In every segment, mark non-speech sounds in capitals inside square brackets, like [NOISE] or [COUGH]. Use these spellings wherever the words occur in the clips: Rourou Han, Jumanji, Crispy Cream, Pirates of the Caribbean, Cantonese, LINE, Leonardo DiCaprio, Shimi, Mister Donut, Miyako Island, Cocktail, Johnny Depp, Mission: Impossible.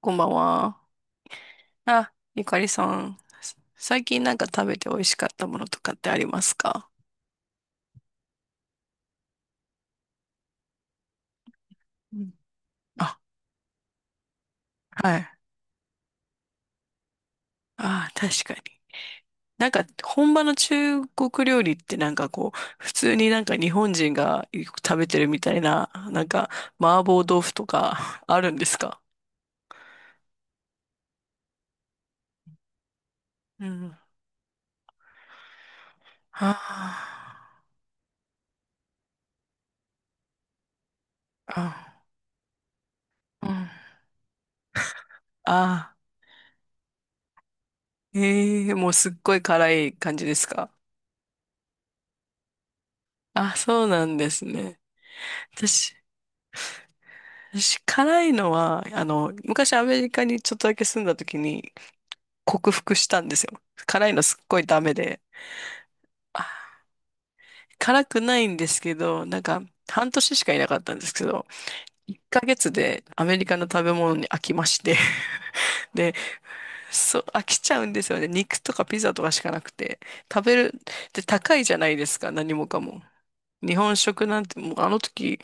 こんばんは。あ、ゆかりさん、最近なんか食べて美味しかったものとかってありますか？うん。あ、はい。あ、確かに。なんか、本場の中国料理ってなんかこう、普通になんか日本人がよく食べてるみたいな、なんか、麻婆豆腐とか [LAUGHS] あるんですか？うん。あーあ、うん。あー、ええー、もうすっごい辛い感じですか？あ、そうなんですね。私、私辛いのは、昔アメリカにちょっとだけ住んだ時に克服したんですよ。辛いのすっごいダメで。あ、辛くないんですけど、なんか半年しかいなかったんですけど、1ヶ月でアメリカの食べ物に飽きまして。[LAUGHS] で、そう、飽きちゃうんですよね。肉とかピザとかしかなくて。食べる、で、高いじゃないですか、何もかも。日本食なんて、もうあの時、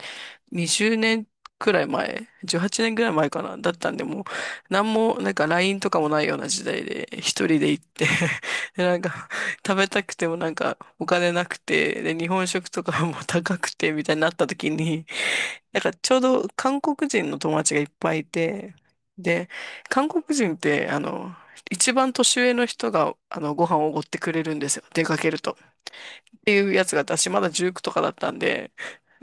20年くらい前、18年くらい前かな、だったんで、もう、なんも、なんか LINE とかもないような時代で、一人で行って [LAUGHS] で、なんか、食べたくてもなんか、お金なくて、で、日本食とかも高くて、みたいになった時に、なんかちょうど韓国人の友達がいっぱいいて、で、韓国人って、一番年上の人が、ご飯をおごってくれるんですよ、出かけると。っていうやつがあって私まだ19とかだったんで、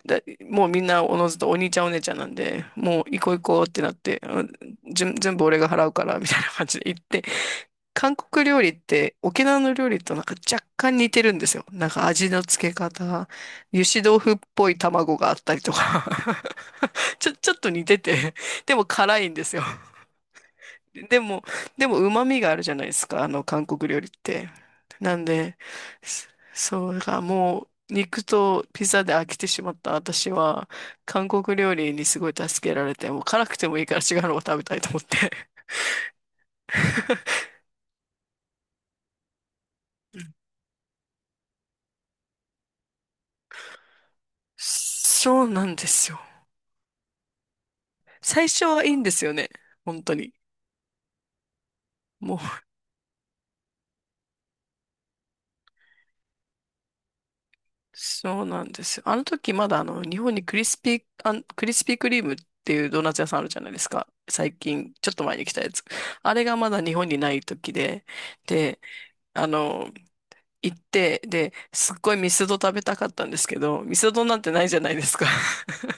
だ、もうみんなおのずとお兄ちゃんお姉ちゃんなんで、もう行こう行こうってなって、うん、全部俺が払うからみたいな感じで行って、韓国料理って沖縄の料理となんか若干似てるんですよ。なんか味の付け方、油脂豆腐っぽい卵があったりとか [LAUGHS] ちょっと似てて、でも辛いんですよ。でも、旨味があるじゃないですか、あの韓国料理って。なんで、そそう、だからもう肉とピザで飽きてしまった私は、韓国料理にすごい助けられて、もう辛くてもいいから違うのを食べたいと思って。[LAUGHS] そうなんですよ。最初はいいんですよね、本当に。もうそうなんですよ。あの時まだあの日本にクリスピークリームっていうドーナツ屋さんあるじゃないですか。最近、ちょっと前に来たやつ。あれがまだ日本にない時で、で、あの、行って、で、すっごいミスド食べたかったんですけど、ミスドなんてないじゃないですか。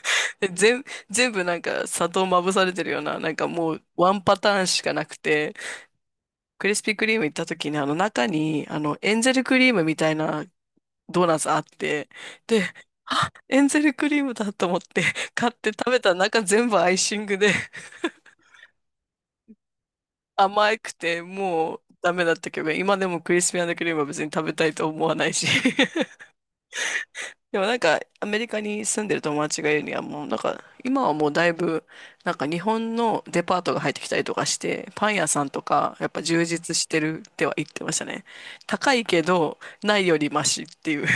[LAUGHS] で、全部なんか砂糖まぶされてるような、なんかもうワンパターンしかなくて、クリスピークリーム行った時にあの中にあのエンゼルクリームみたいなドーナツあって、で、あ、エンゼルクリームだと思って [LAUGHS] 買って食べたら中全部アイシングで [LAUGHS] 甘くてもうダメだったけど、今でもクリスピークリームは別に食べたいと思わないし。[LAUGHS] でもなんかアメリカに住んでる友達が言うにはもうなんか今はもうだいぶなんか日本のデパートが入ってきたりとかしてパン屋さんとかやっぱ充実してるっては言ってましたね。高いけどないよりマシっていう。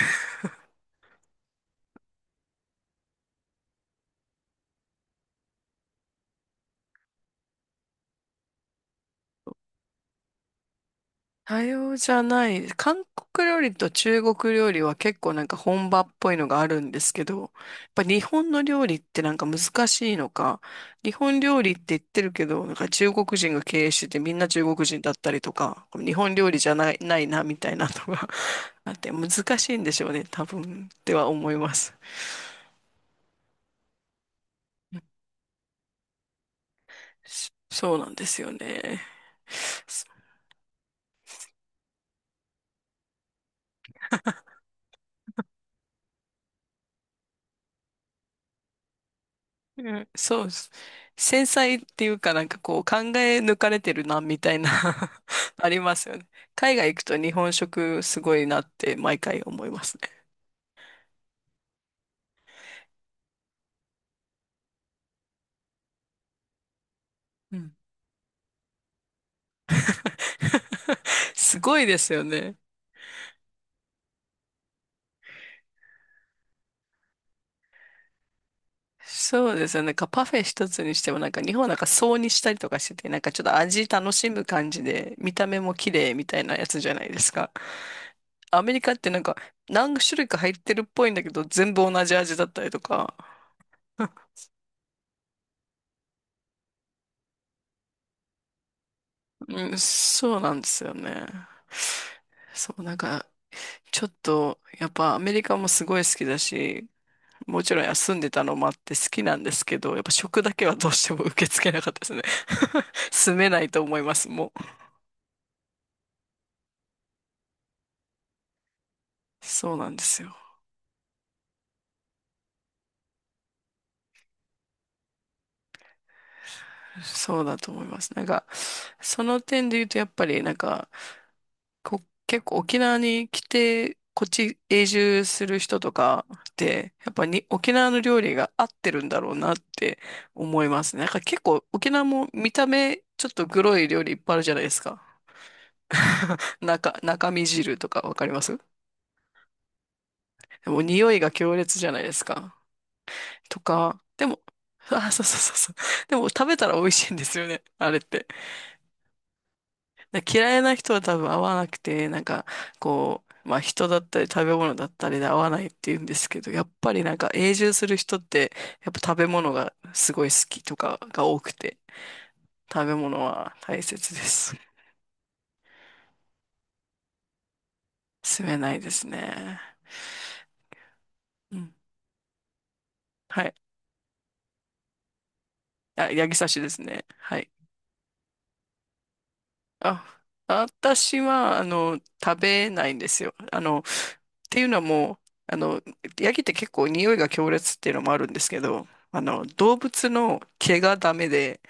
多様じゃない。韓国料理と中国料理は結構なんか本場っぽいのがあるんですけど、やっぱ日本の料理ってなんか難しいのか、日本料理って言ってるけど、なんか中国人が経営しててみんな中国人だったりとか、日本料理じゃない、ないなみたいなのが [LAUGHS] あって難しいんでしょうね、多分っては思います。そうなんですよね。うん、そうです。繊細っていうかなんかこう考え抜かれてるなみたいな [LAUGHS] ありますよね。海外行くと日本食すごいなって毎回思いますね。うん。 [LAUGHS] すごいですよね。そうですよね。なんかパフェ一つにしてもなんか日本はなんか層にしたりとかしててなんかちょっと味楽しむ感じで見た目も綺麗みたいなやつじゃないですか。アメリカってなんか何種類か入ってるっぽいんだけど全部同じ味だったりとか。うん、そうなんですよね。そう、なんか、ちょっと、やっぱアメリカもすごい好きだし、もちろん休んでたのもあって好きなんですけど、やっぱ食だけはどうしても受け付けなかったですね。[LAUGHS] 住めないと思います、もう。そうなんですよ。そうだと思います。なんか、その点で言うと、やっぱり、なんか、結構沖縄に来て、こっち永住する人とかって、やっぱに沖縄の料理が合ってるんだろうなって思いますね。なんか結構沖縄も見た目、ちょっとグロい料理いっぱいあるじゃないですか。[LAUGHS] 中身汁とかわかります？でも匂いが強烈じゃないですか。とか、でも、あ、そうそうそうそう。でも食べたら美味しいんですよね。あれって。嫌いな人は多分合わなくて、なんか、こう、まあ人だったり食べ物だったりで合わないって言うんですけど、やっぱりなんか永住する人って、やっぱ食べ物がすごい好きとかが多くて、食べ物は大切です。住めないですね。うん。はい。あ、八木刺しですね。はい。あ、私は、食べないんですよ。っていうのはもう、あの、ヤギって結構匂いが強烈っていうのもあるんですけど、動物の毛がダメで、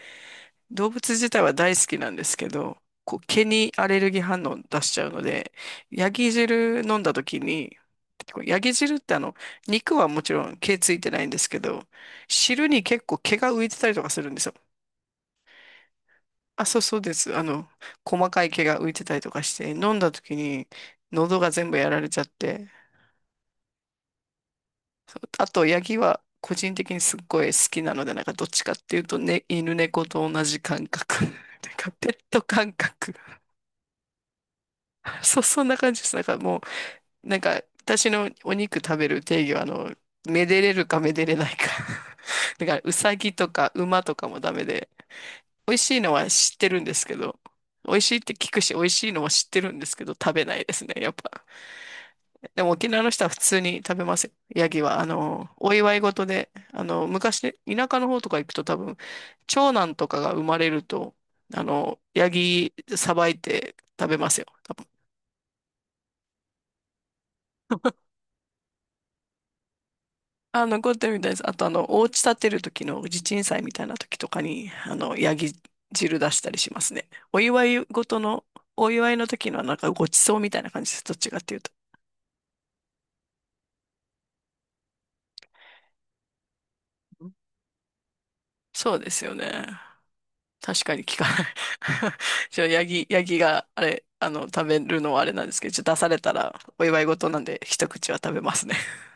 動物自体は大好きなんですけど、こう、毛にアレルギー反応出しちゃうので、ヤギ汁飲んだ時に、ヤギ汁って肉はもちろん毛ついてないんですけど、汁に結構毛が浮いてたりとかするんですよ。あ、そうそうです。細かい毛が浮いてたりとかして、飲んだ時に喉が全部やられちゃって、あと、ヤギは個人的にすっごい好きなので、なんかどっちかっていうと、ね、犬猫と同じ感覚。[LAUGHS] なんかペット感覚。そう、そんな感じです。なんかもう、なんか私のお肉食べる定義は、めでれるかめでれないか。[LAUGHS] だから、うさぎとか馬とかもダメで、美味しいのは知ってるんですけど、美味しいって聞くし、美味しいのは知ってるんですけど、食べないですね、やっぱ。でも沖縄の人は普通に食べますよ。ヤギは、お祝い事で、昔、田舎の方とか行くと多分、長男とかが生まれると、ヤギさばいて食べますよ。多分。あ、残ってるみたいです。あと、お家建てる時の地鎮祭みたいな時とかに、ヤギ汁出したりしますね。お祝い事の、お祝いの時のなんかごちそうみたいな感じです。どっちかっていうと。そうですよね。確かに聞かない。[LAUGHS] じゃあ、ヤギ、ヤギが、あれ、あの、食べるのはあれなんですけど、ちょっと出されたら、お祝い事なんで、一口は食べますね。[LAUGHS]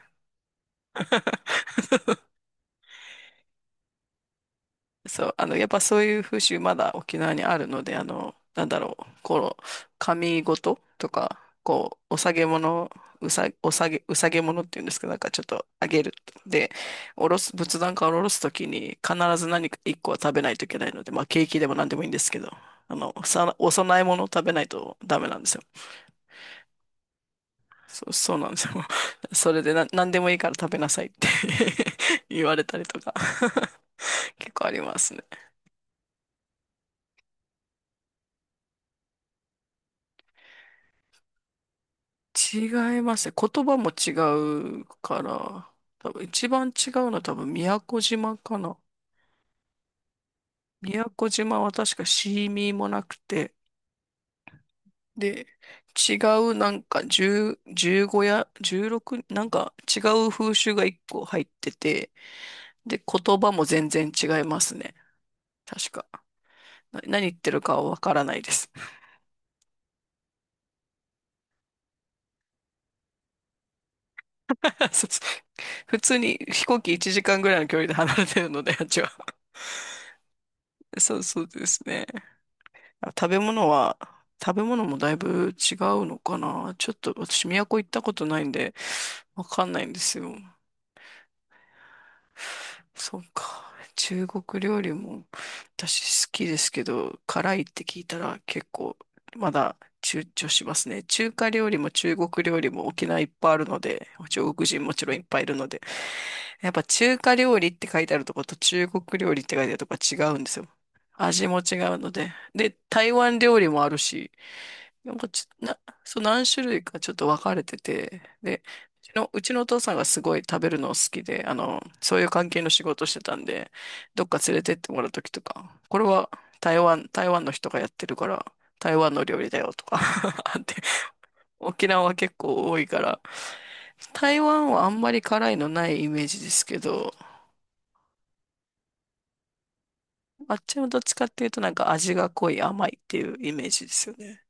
そう、やっぱそういう風習、まだ沖縄にあるので、神事とか、お下げ物、うさげ物っていうんですけど、なんかちょっとあげる。で、おろす、仏壇からおろすときに、必ず何か一個は食べないといけないので、まあ、ケーキでも何でもいいんですけど、お供え物を食べないとダメなんですよ。そうなんですよ。[LAUGHS] それでな、何でもいいから食べなさいって [LAUGHS] 言われたりとか [LAUGHS] 結構ありますね。違いますね。言葉も違うから、多分一番違うのは多分宮古島かな。宮古島は確かシーミーもなくて、で、違うなんか10、15や16、なんか違う風習が1個入ってて、で、言葉も全然違いますね。確か。何言ってるかはわからないです。[LAUGHS] そうそう、普通に飛行機1時間ぐらいの距離で離れてるので、[LAUGHS] あっちは。そうそうですね。食べ物は、食べ物もだいぶ違うのかな。ちょっと私、都行ったことないんで、わかんないんですよ。そうか。中国料理も私好きですけど、辛いって聞いたら結構まだ躊躇しますね。中華料理も中国料理も沖縄いっぱいあるので、中国人もちろんいっぱいいるので、やっぱ中華料理って書いてあるとこと中国料理って書いてあるとこは違うんですよ。味も違うので。で、台湾料理もあるし、なんかちょ、な、そう何種類かちょっと分かれてて、で、うちのお父さんがすごい食べるのを好きで、あの、そういう関係の仕事をしてたんで、どっか連れてってもらうときとか、これは台湾の人がやってるから、台湾の料理だよとか [LAUGHS] あって、沖縄は結構多いから、台湾はあんまり辛いのないイメージですけど、あっちもどっちかっていうとなんか味が濃い甘いっていうイメージですよね。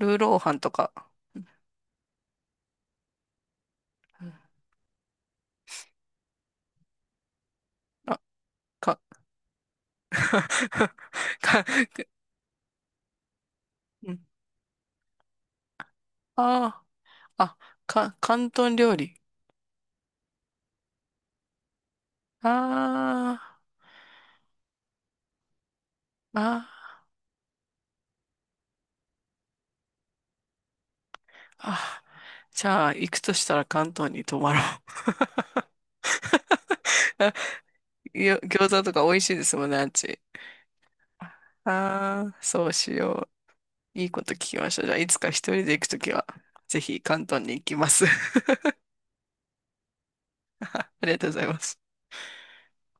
ルーローハンとか、うんあ、か、[LAUGHS] か、うんああ、あ、か、広東料理。ああ、ーあじゃあ、行くとしたら関東に泊まろう。[LAUGHS] 餃子とか美味しいですもんね、あっち。ああ、そうしよう。いいこと聞きました。じゃあ、いつか一人で行くときは、ぜひ関東に行きます。[LAUGHS] ありがとうございます。